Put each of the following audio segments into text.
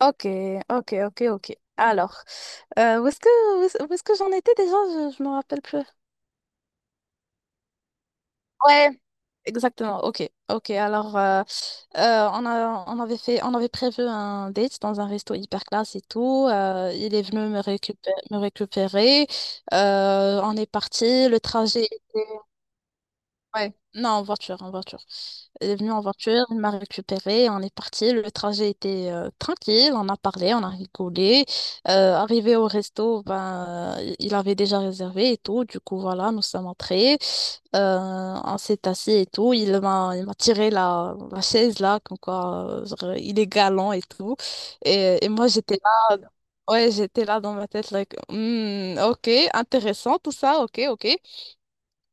Ok, ok, ok, ok. Alors, où est-ce que j'en étais déjà? Je me rappelle plus. Ouais, exactement. Ok, ok. Alors, on a, on avait fait, on avait prévu un date dans un resto hyper classe et tout. Il est venu me récupérer. On est parti. Ouais, non, en voiture, en voiture. Elle est venue en voiture, elle m'a récupérée, on est parti. Le trajet était tranquille, on a parlé, on a rigolé. Arrivé au resto, ben, il avait déjà réservé et tout. Du coup, voilà, nous sommes entrés, on s'est assis et tout. Il m'a tiré la chaise là, comme quoi genre, il est galant et tout. Et moi, j'étais là, ouais, j'étais là dans ma tête, like, hmm, ok, intéressant tout ça, ok, ok.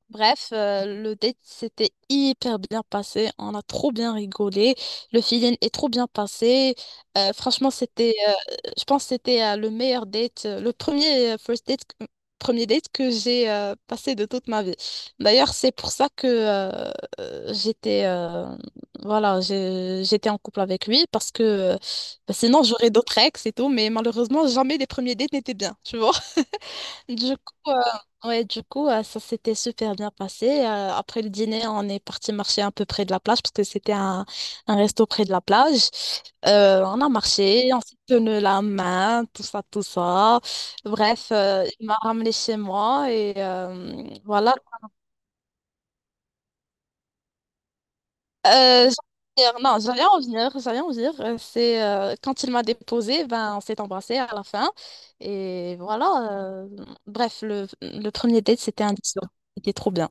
Bref, le date s'était hyper bien passé, on a trop bien rigolé, le feeling est trop bien passé. Franchement, je pense que c'était le meilleur date, le premier first date, premier date que j'ai passé de toute ma vie. D'ailleurs, c'est pour ça que j'étais, voilà, j'étais en couple avec lui parce que bah, sinon j'aurais d'autres ex et tout, mais malheureusement jamais les premiers dates n'étaient bien, tu vois. Du coup, euh, ouais, du coup, ça s'était super bien passé. Après le dîner, on est parti marcher un peu près de la plage parce que c'était un resto près de la plage. On a marché, on s'est tenu la main, tout ça, tout ça. Bref, il m'a ramené chez moi et voilà. Euh, non, j'allais en venir, j'allais en venir. C'est quand il m'a déposé, ben, on s'est embrassé à la fin. Et voilà. euh, Bref, le premier date, c'était un 10. C'était trop bien.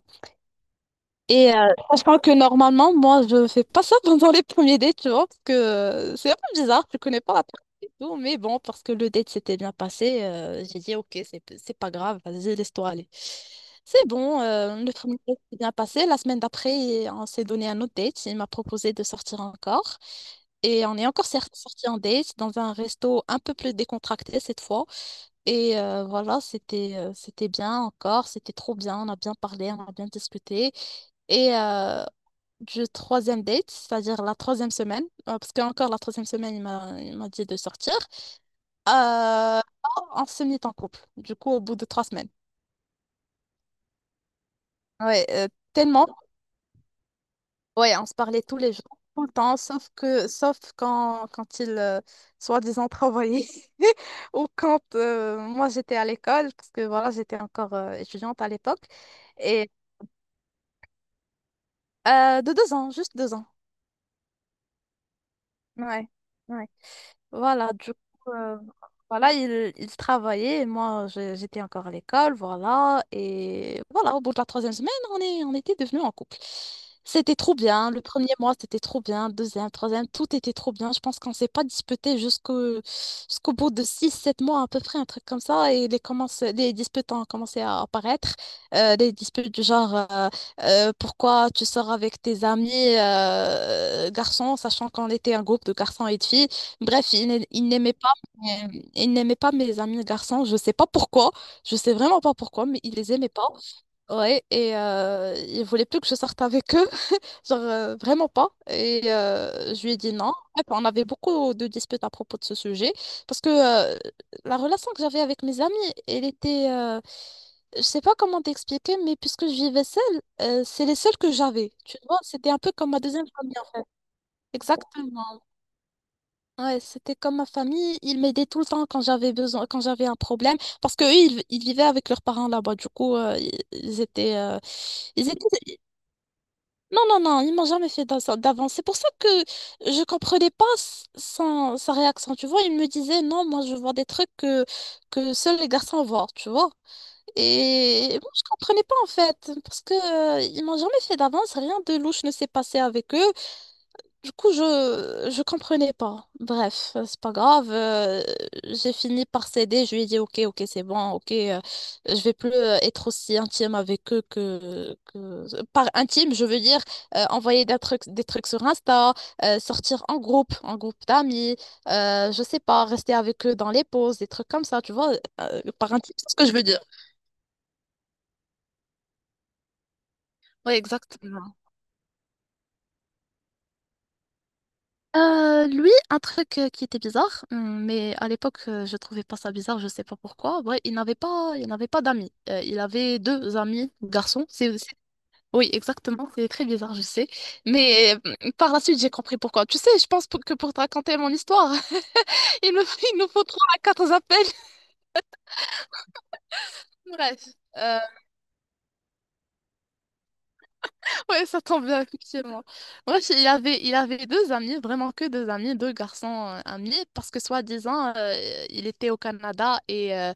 Et euh, Sachant que normalement, moi, je fais pas ça pendant les premiers dates, tu vois, parce que c'est un peu bizarre, je connais pas la personne et tout, mais bon, parce que le date s'était bien passé, j'ai dit, ok, c'est pas grave, vas-y, laisse-toi aller. C'est bon, le premier date s'est bien passé, la semaine d'après, on s'est donné un autre date, il m'a proposé de sortir encore, et on est encore sorti en date dans un resto un peu plus décontracté cette fois, et voilà, c'était bien encore, c'était trop bien, on a bien parlé, on a bien discuté. Et euh, du troisième date, c'est-à-dire la troisième semaine, parce qu'encore la troisième semaine, il m'a dit de sortir, euh, on se mit en couple, du coup, au bout de 3 semaines. Ouais, tellement. Ouais, on se parlait tous les jours, tout le temps, sauf quand il, soi-disant, travaillait, ou quand moi, j'étais à l'école, parce que voilà, j'étais encore étudiante à l'époque, et de 2 ans, juste 2 ans. Ouais. Ouais. Voilà, du coup, voilà, il travaillait et moi, j'étais encore à l'école, voilà. Et voilà, au bout de la troisième semaine, on est, on était devenus en couple. C'était trop bien. Le premier mois, c'était trop bien. Deuxième, troisième, tout était trop bien. Je pense qu'on s'est pas disputé jusqu'au bout de six, sept mois à peu près, un truc comme ça. Et les disputes ont commencé à apparaître. Des disputes du genre, pourquoi tu sors avec tes amis garçons, sachant qu'on était un groupe de garçons et de filles. Bref, il n'aimait pas mes amis garçons. Je sais pas pourquoi. Je sais vraiment pas pourquoi, mais il les aimait pas. Ouais, et il voulait plus que je sorte avec eux, genre vraiment pas. Et je lui ai dit non. Ouais, bah, on avait beaucoup de disputes à propos de ce sujet, parce que la relation que j'avais avec mes amis, elle était, euh, je sais pas comment t'expliquer, mais puisque je vivais seule, c'est les seules que j'avais. Tu vois, c'était un peu comme ma deuxième famille en fait. Exactement. Ouais, c'était comme ma famille, ils m'aidaient tout le temps quand j'avais besoin, quand j'avais un problème, parce que eux, ils vivaient avec leurs parents là-bas, du coup, ils étaient, non, non, non, ils m'ont jamais fait d'avance. C'est pour ça que je comprenais pas sa réaction, tu vois, il me disait, non, moi, je vois des trucs que seuls les garçons voient, tu vois, et moi, je comprenais pas, en fait, parce que, ils m'ont jamais fait d'avance, rien de louche ne s'est passé avec eux, du coup, je comprenais pas. Bref, c'est pas grave. J'ai fini par céder. Je lui ai dit, ok, ok, c'est bon, ok. Je vais plus être aussi intime avec eux que... Par intime, je veux dire envoyer des trucs, sur Insta, sortir en groupe d'amis. Je sais pas, rester avec eux dans les pauses, des trucs comme ça, tu vois. Par intime, c'est ce que je veux dire. Oui, exact. Lui, un truc qui était bizarre, mais à l'époque, je trouvais pas ça bizarre, je sais pas pourquoi. Ouais, il n'avait pas d'amis. Il avait deux amis garçons. Oui, exactement, c'est très bizarre, je sais. Mais par la suite, j'ai compris pourquoi. Tu sais, je pense que pour te raconter mon histoire, il me, il nous faut trois à quatre appels. Bref. Ouais, ça tombe bien, effectivement. Moi, j'ai- il avait deux amis, vraiment que deux amis, deux garçons amis, parce que soi-disant, il était au Canada et euh,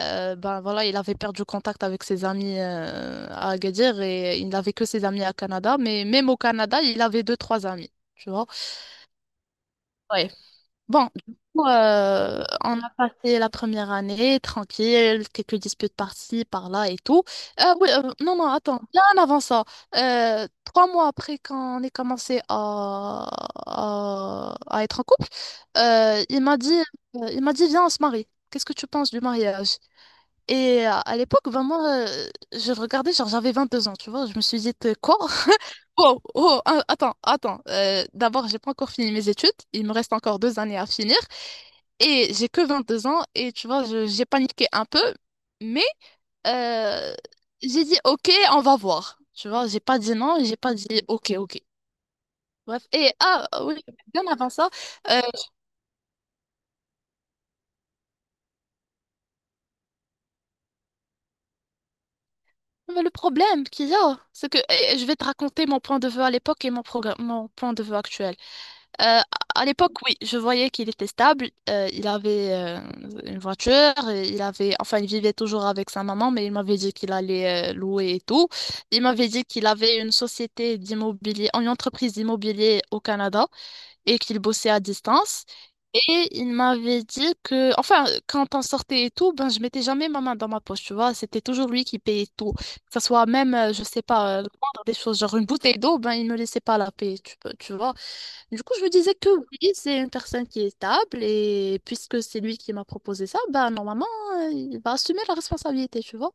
euh, ben voilà, il avait perdu contact avec ses amis à Agadir et il n'avait que ses amis à Canada, mais même au Canada, il avait deux, trois amis, tu vois. Bon, du coup, on a passé la première année tranquille, quelques disputes par-ci, par-là et tout. Oui, non, non, attends, bien avant ça, 3 mois après qu'on ait commencé à être en couple, euh, il m'a dit, il m'a dit, viens, on se marie. Qu'est-ce que tu penses du mariage? Et à l'époque, vraiment, je regardais, genre j'avais 22 ans, tu vois. Je me suis dit, quoi? Wow, oh, attends, attends. D'abord, j'ai pas encore fini mes études. Il me reste encore 2 années à finir. Et j'ai que 22 ans. Et tu vois, j'ai paniqué un peu. Mais euh, j'ai dit, OK, on va voir. Tu vois, j'ai pas dit non. J'ai pas dit OK, OK. Bref. Oui, bien avant ça, euh, mais le problème qu'il y a, c'est que eh, je vais te raconter mon point de vue à l'époque et mon point de vue actuel. Euh, à l'époque, oui, je voyais qu'il était stable. Il avait une voiture, et il avait, enfin, il vivait toujours avec sa maman, mais il m'avait dit qu'il allait louer et tout. Il m'avait dit qu'il avait une société d'immobilier, une entreprise d'immobilier au Canada et qu'il bossait à distance. Et il m'avait dit que, enfin, quand on sortait et tout, ben, je mettais jamais ma main dans ma poche, tu vois. C'était toujours lui qui payait tout. Que ce soit même, je sais pas, prendre des choses, genre une bouteille d'eau, ben, il ne laissait pas la payer, tu vois. Du coup, je me disais que oui, c'est une personne qui est stable et puisque c'est lui qui m'a proposé ça, bah normalement, il va assumer la responsabilité, tu vois.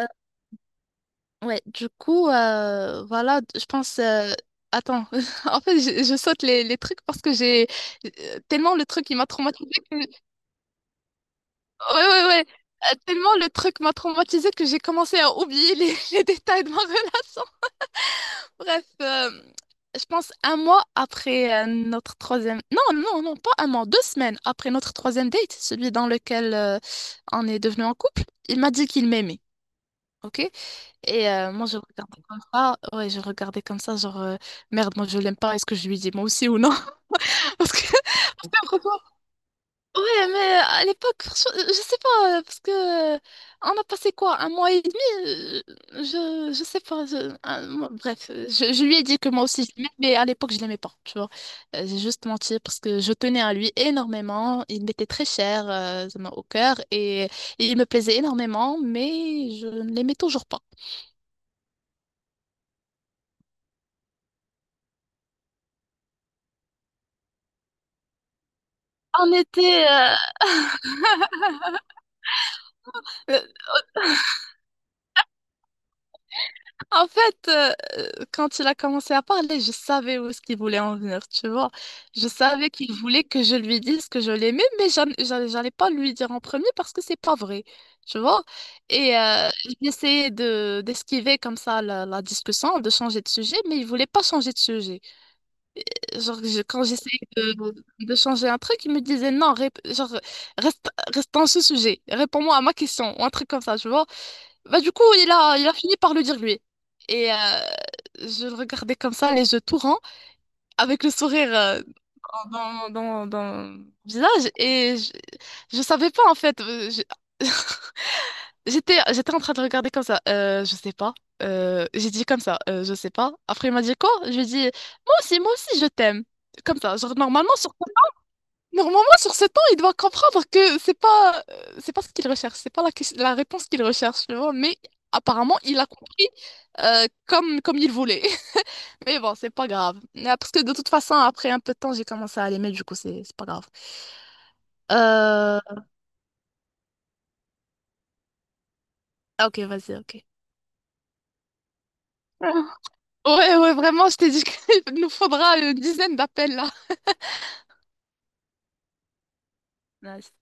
Euh, ouais, du coup, voilà, je pense. Attends, en fait, je saute les trucs parce que j'ai tellement le truc il m'a traumatisé que... Ouais, ouais, ouais. Tellement le truc m'a traumatisé que j'ai commencé à oublier les, les détails de ma relation. Bref, je pense un mois après notre troisième... Non, non, non, pas un mois, 2 semaines après notre troisième date, celui dans lequel on est devenu en couple, il m'a dit qu'il m'aimait, ok? Moi, je regardais comme ça, ouais, je regardais comme ça, genre, merde, moi, je l'aime pas, est-ce que je lui dis moi aussi ou non? Parce que Ouais, mais à l'époque, franchement, sais pas, parce que on a passé quoi, un mois et demi? Je sais pas, bref, je lui ai dit que moi aussi je l'aimais, mais à l'époque je l'aimais pas, tu vois. J'ai juste menti parce que je tenais à lui énormément, il m'était très cher au cœur et il me plaisait énormément, mais je ne l'aimais toujours pas. On était, En fait, quand il a commencé à parler, je savais où est-ce qu'il voulait en venir, tu vois. Je savais qu'il voulait que je lui dise que je l'aimais, mais j'allais pas lui dire en premier parce que c'est pas vrai, tu vois. Et euh, J'essayais de d'esquiver comme ça la discussion, de changer de sujet, mais il voulait pas changer de sujet. Genre, quand j'essayais de changer un truc, il me disait non, genre, reste, reste dans ce sujet, réponds-moi à ma question, ou un truc comme ça, tu vois. Bah, du coup, il a fini par le dire lui. Et euh, je le regardais comme ça, les yeux tout ronds, avec le sourire dans le visage. Et je savais pas, en fait. J'étais en train de regarder comme ça. Je sais pas. J'ai dit comme ça. Je sais pas. Après, il m'a dit quoi? Je lui ai dit, moi aussi, je t'aime. Comme ça. Genre, normalement, sur 7 ans, il doit comprendre que c'est pas ce qu'il recherche, c'est pas la réponse qu'il recherche, tu vois. Mais apparemment, il a compris comme il voulait. Mais bon, c'est pas grave. Ah, parce que de toute façon, après un peu de temps, j'ai commencé à l'aimer, du coup, c'est pas grave. Euh... ah, ok, vas-y, ok. Ouais, ouais, vraiment, je t'ai dit qu'il nous faudra une dizaine d'appels là. Ouais,